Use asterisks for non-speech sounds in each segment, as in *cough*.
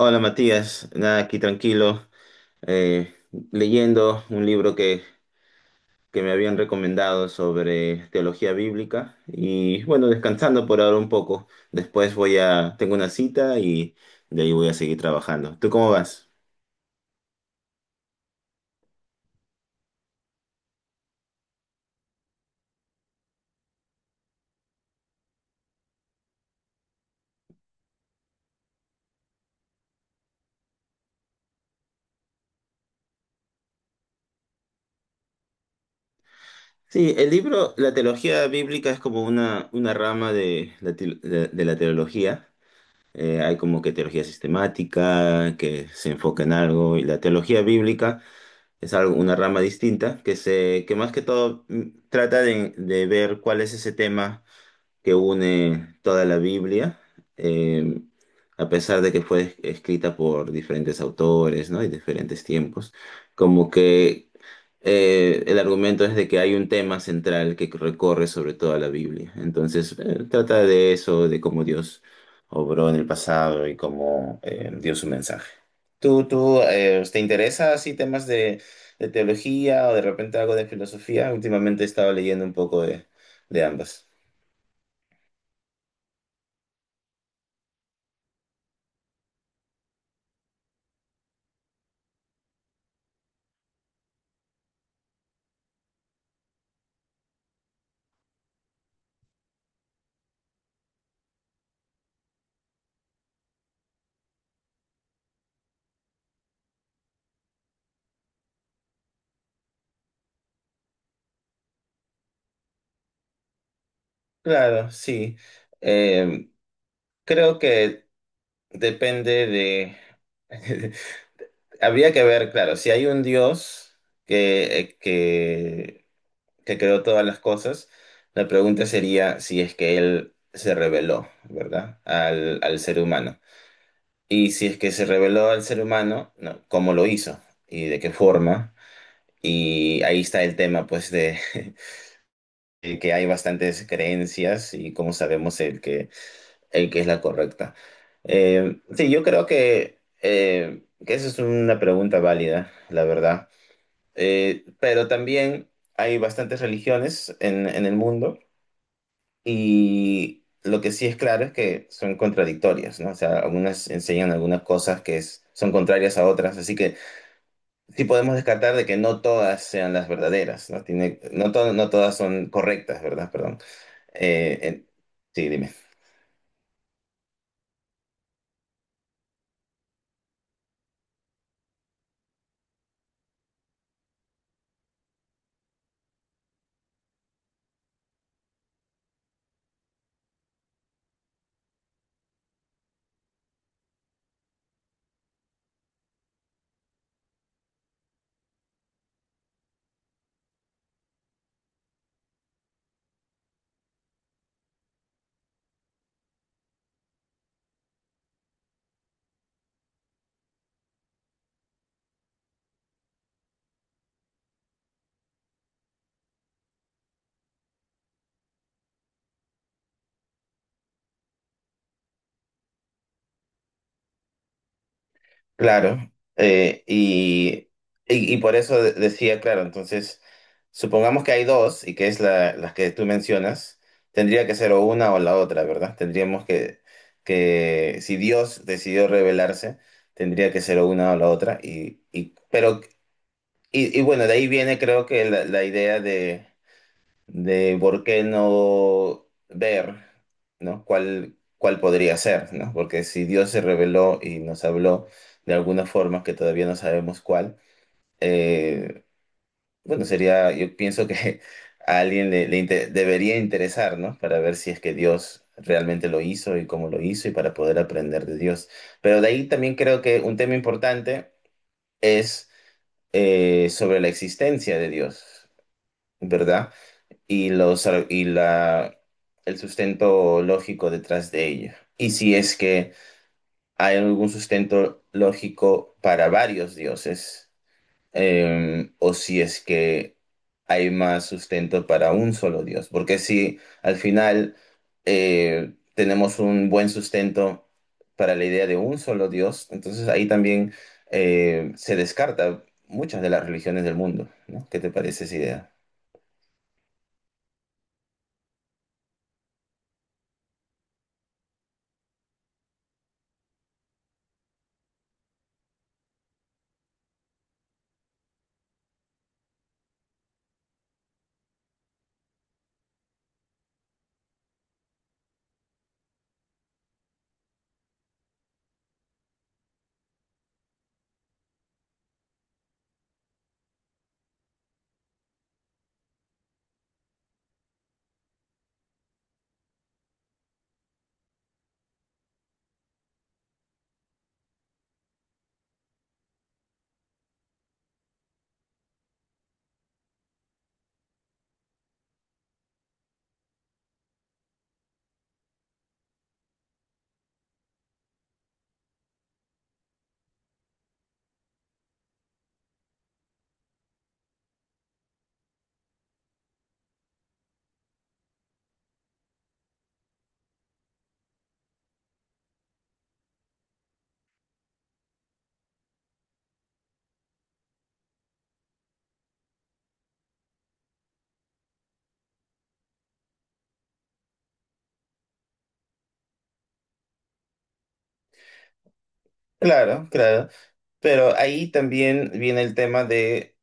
Hola Matías, nada, aquí tranquilo, eh, leyendo un libro que me habían recomendado sobre teología bíblica y bueno, descansando por ahora un poco. Después voy tengo una cita y de ahí voy a seguir trabajando. ¿Tú cómo vas? Sí, el libro, la teología bíblica es como una rama de de la teología. Hay como que teología sistemática, que se enfoca en algo, y la teología bíblica es algo, una rama distinta, que más que todo, trata de ver cuál es ese tema que une toda la Biblia, eh, a pesar de que fue escrita por diferentes autores, ¿no? Y diferentes tiempos, como que el argumento es de que hay un tema central que recorre sobre toda la Biblia. Entonces, trata de eso, de cómo Dios obró en el pasado y cómo, dio su mensaje. ¿Tú te interesa así temas de teología o de repente algo de filosofía? Últimamente he estado leyendo un poco de ambas. Claro, sí. Eh, Creo que depende de... *laughs* Habría que ver, claro, si hay un Dios que, eh, que, que creó todas las cosas, la pregunta sería si es que Él se reveló, ¿verdad? Al ser humano. Y si es que se reveló al ser humano, no, ¿cómo lo hizo? ¿Y de qué forma? Y ahí está el tema, pues, de *laughs* que hay bastantes creencias y como sabemos el que es la correcta. Sí, yo creo que esa es una pregunta válida, la verdad. Pero también hay bastantes religiones en el mundo y lo que sí es claro es que son contradictorias, ¿no? O sea, algunas enseñan algunas cosas que son contrarias a otras, así que sí podemos descartar de que no todas sean las verdaderas, ¿no? Tiene, no, to- No todas son correctas, ¿verdad? Perdón. Eh, en- sí, dime. Claro, eh, y, y por eso decía, claro, entonces, supongamos que hay dos y que es las que tú mencionas, tendría que ser o una o la otra, ¿verdad? Que si Dios decidió revelarse, tendría que ser o una o la otra, bueno, de ahí viene creo que la idea de por qué no ver, ¿no? ¿Cuál podría ser, ¿no? Porque si Dios se reveló y nos habló de alguna forma que todavía no sabemos cuál, eh, bueno, sería, yo pienso que *laughs* a alguien debería interesar, ¿no? Para ver si es que Dios realmente lo hizo y cómo lo hizo y para poder aprender de Dios. Pero de ahí también creo que un tema importante es, sobre la existencia de Dios, ¿verdad? Y, los, ar- y la, El sustento lógico detrás de ello. Y si es que hay algún sustento lógico para varios dioses, o si es que hay más sustento para un solo dios. Porque si al final, tenemos un buen sustento para la idea de un solo dios, entonces ahí también, se descarta muchas de las religiones del mundo, ¿no? ¿Qué te parece esa idea? Claro, claro. Pero ahí también viene el tema de,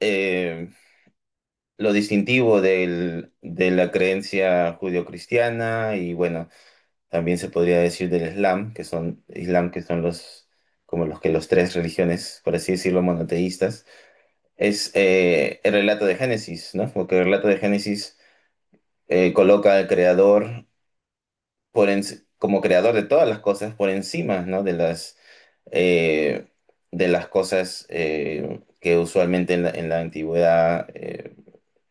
eh, lo distintivo de la creencia judio-cristiana y bueno, también se podría decir del Islam, que son los como los que los tres religiones, por así decirlo, monoteístas, es, el relato de Génesis, ¿no? Porque el relato de Génesis, coloca al creador como creador de todas las cosas por encima, ¿no? De las, eh, cosas que usualmente en en la antigüedad,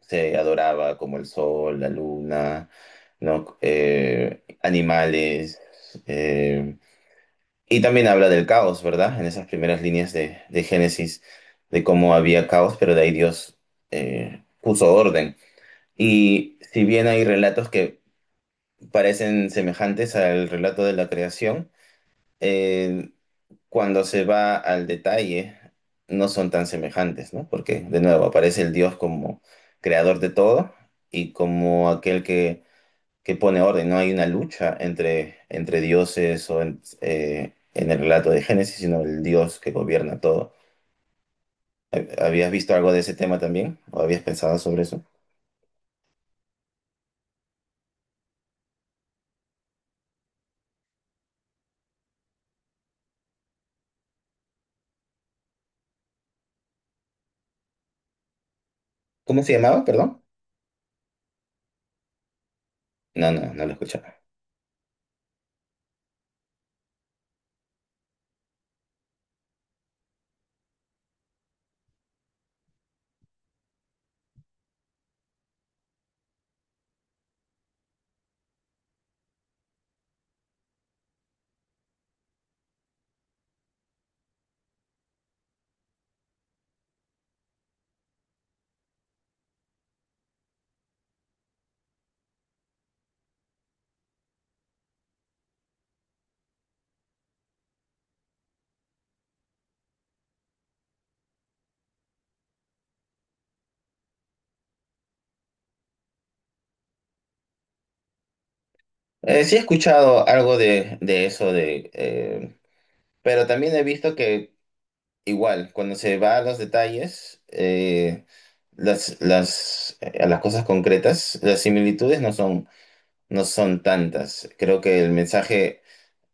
se adoraba, como el sol, la luna, ¿no? Animales. eh, y también habla del caos, ¿verdad? En esas primeras líneas de Génesis, de cómo había caos, pero de ahí Dios, puso orden. Y si bien hay relatos que parecen semejantes al relato de la creación, eh, cuando se va al detalle, no son tan semejantes, ¿no? Porque, de nuevo, aparece el Dios como creador de todo y como aquel que pone orden. No hay una lucha entre dioses en el relato de Génesis, sino el Dios que gobierna todo. ¿Habías visto algo de ese tema también? ¿O habías pensado sobre eso? ¿Cómo se llamaba? Perdón. No, no, no lo escuchaba. Sí he escuchado algo pero también he visto que, igual, cuando se va a los detalles, a las cosas concretas, las similitudes no son, no son tantas. Creo que el mensaje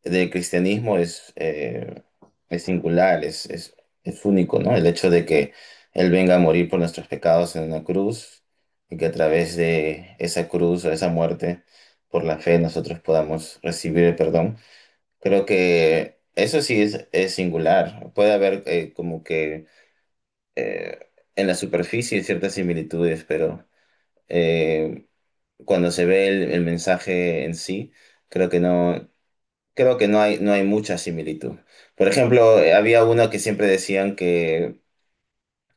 del cristianismo es singular, es único, ¿no? El hecho de que Él venga a morir por nuestros pecados en una cruz y que a través de esa cruz o esa muerte, por la fe, nosotros podamos recibir el perdón. Creo que eso sí es singular. Puede haber, como que eh, en la superficie ciertas similitudes, pero, eh, cuando se ve el mensaje en sí, creo que no, creo que no hay, no hay mucha similitud. Por ejemplo, había uno que siempre decían que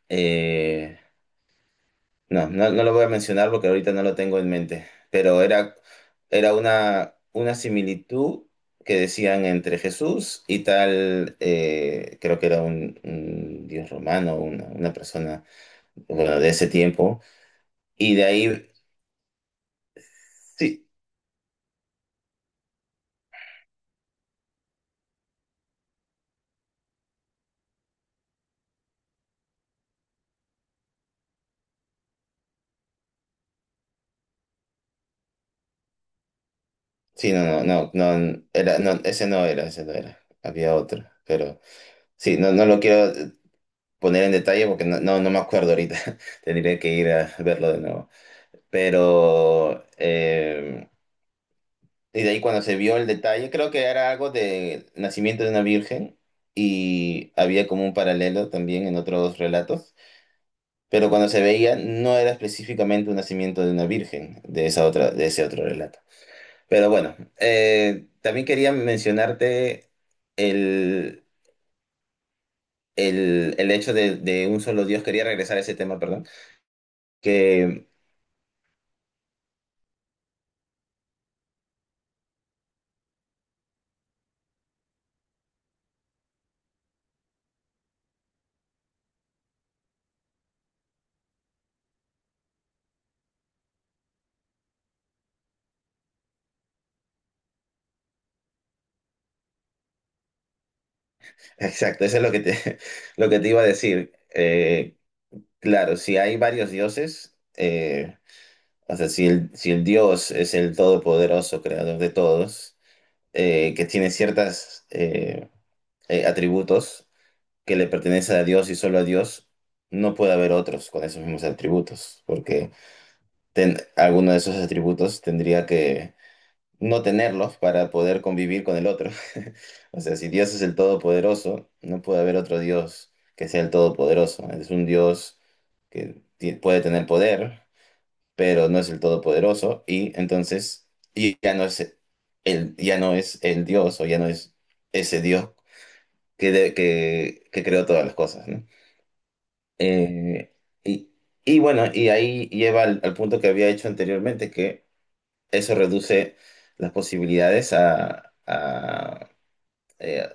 eh, no, no, no lo voy a mencionar porque ahorita no lo tengo en mente, era una similitud que decían entre Jesús y tal, creo que era un dios romano, una persona bueno, de ese tiempo. Y de ahí, sí, sí, no, no, no, no, era, no, ese no era, había otro, pero sí, no, no lo quiero poner en detalle porque no me acuerdo ahorita, *laughs* tendría que ir a verlo de nuevo, pero, y de ahí cuando se vio el detalle, creo que era algo de nacimiento de una virgen y había como un paralelo también en otros relatos, pero cuando se veía no era específicamente un nacimiento de una virgen de esa otra, de ese otro relato. Pero bueno, también quería mencionarte el, el hecho de un solo Dios. Quería regresar a ese tema, perdón. Que, *laughs* exacto, eso es lo que te, *laughs* lo que te iba a decir. Claro, si hay varios dioses, o sea, si el Dios es el todopoderoso, creador de todos, que tiene ciertos atributos que le pertenecen a Dios y solo a Dios, no puede haber otros con esos mismos atributos, porque alguno de esos atributos tendría que no tenerlos para poder convivir con el otro. *laughs* O sea, si Dios es el todopoderoso, no puede haber otro Dios que sea el todopoderoso. Es un Dios puede tener poder, pero no es el todopoderoso, y entonces y ya no es ya no es el Dios o ya no es ese Dios que creó todas las cosas, ¿no? Eh, y, y bueno, y ahí lleva al al punto que había hecho anteriormente, que eso reduce las posibilidades eh,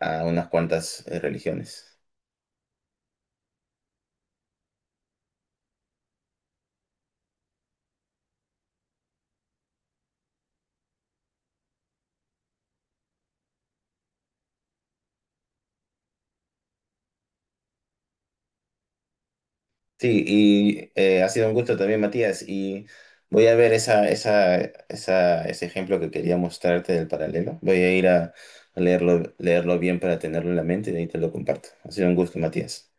a unas cuantas religiones. Sí, y ha sido un gusto también, Matías, y voy a ver ese ejemplo que quería mostrarte del paralelo. Voy a ir a leerlo bien para tenerlo en la mente y de ahí te lo comparto. Ha sido un gusto, Matías.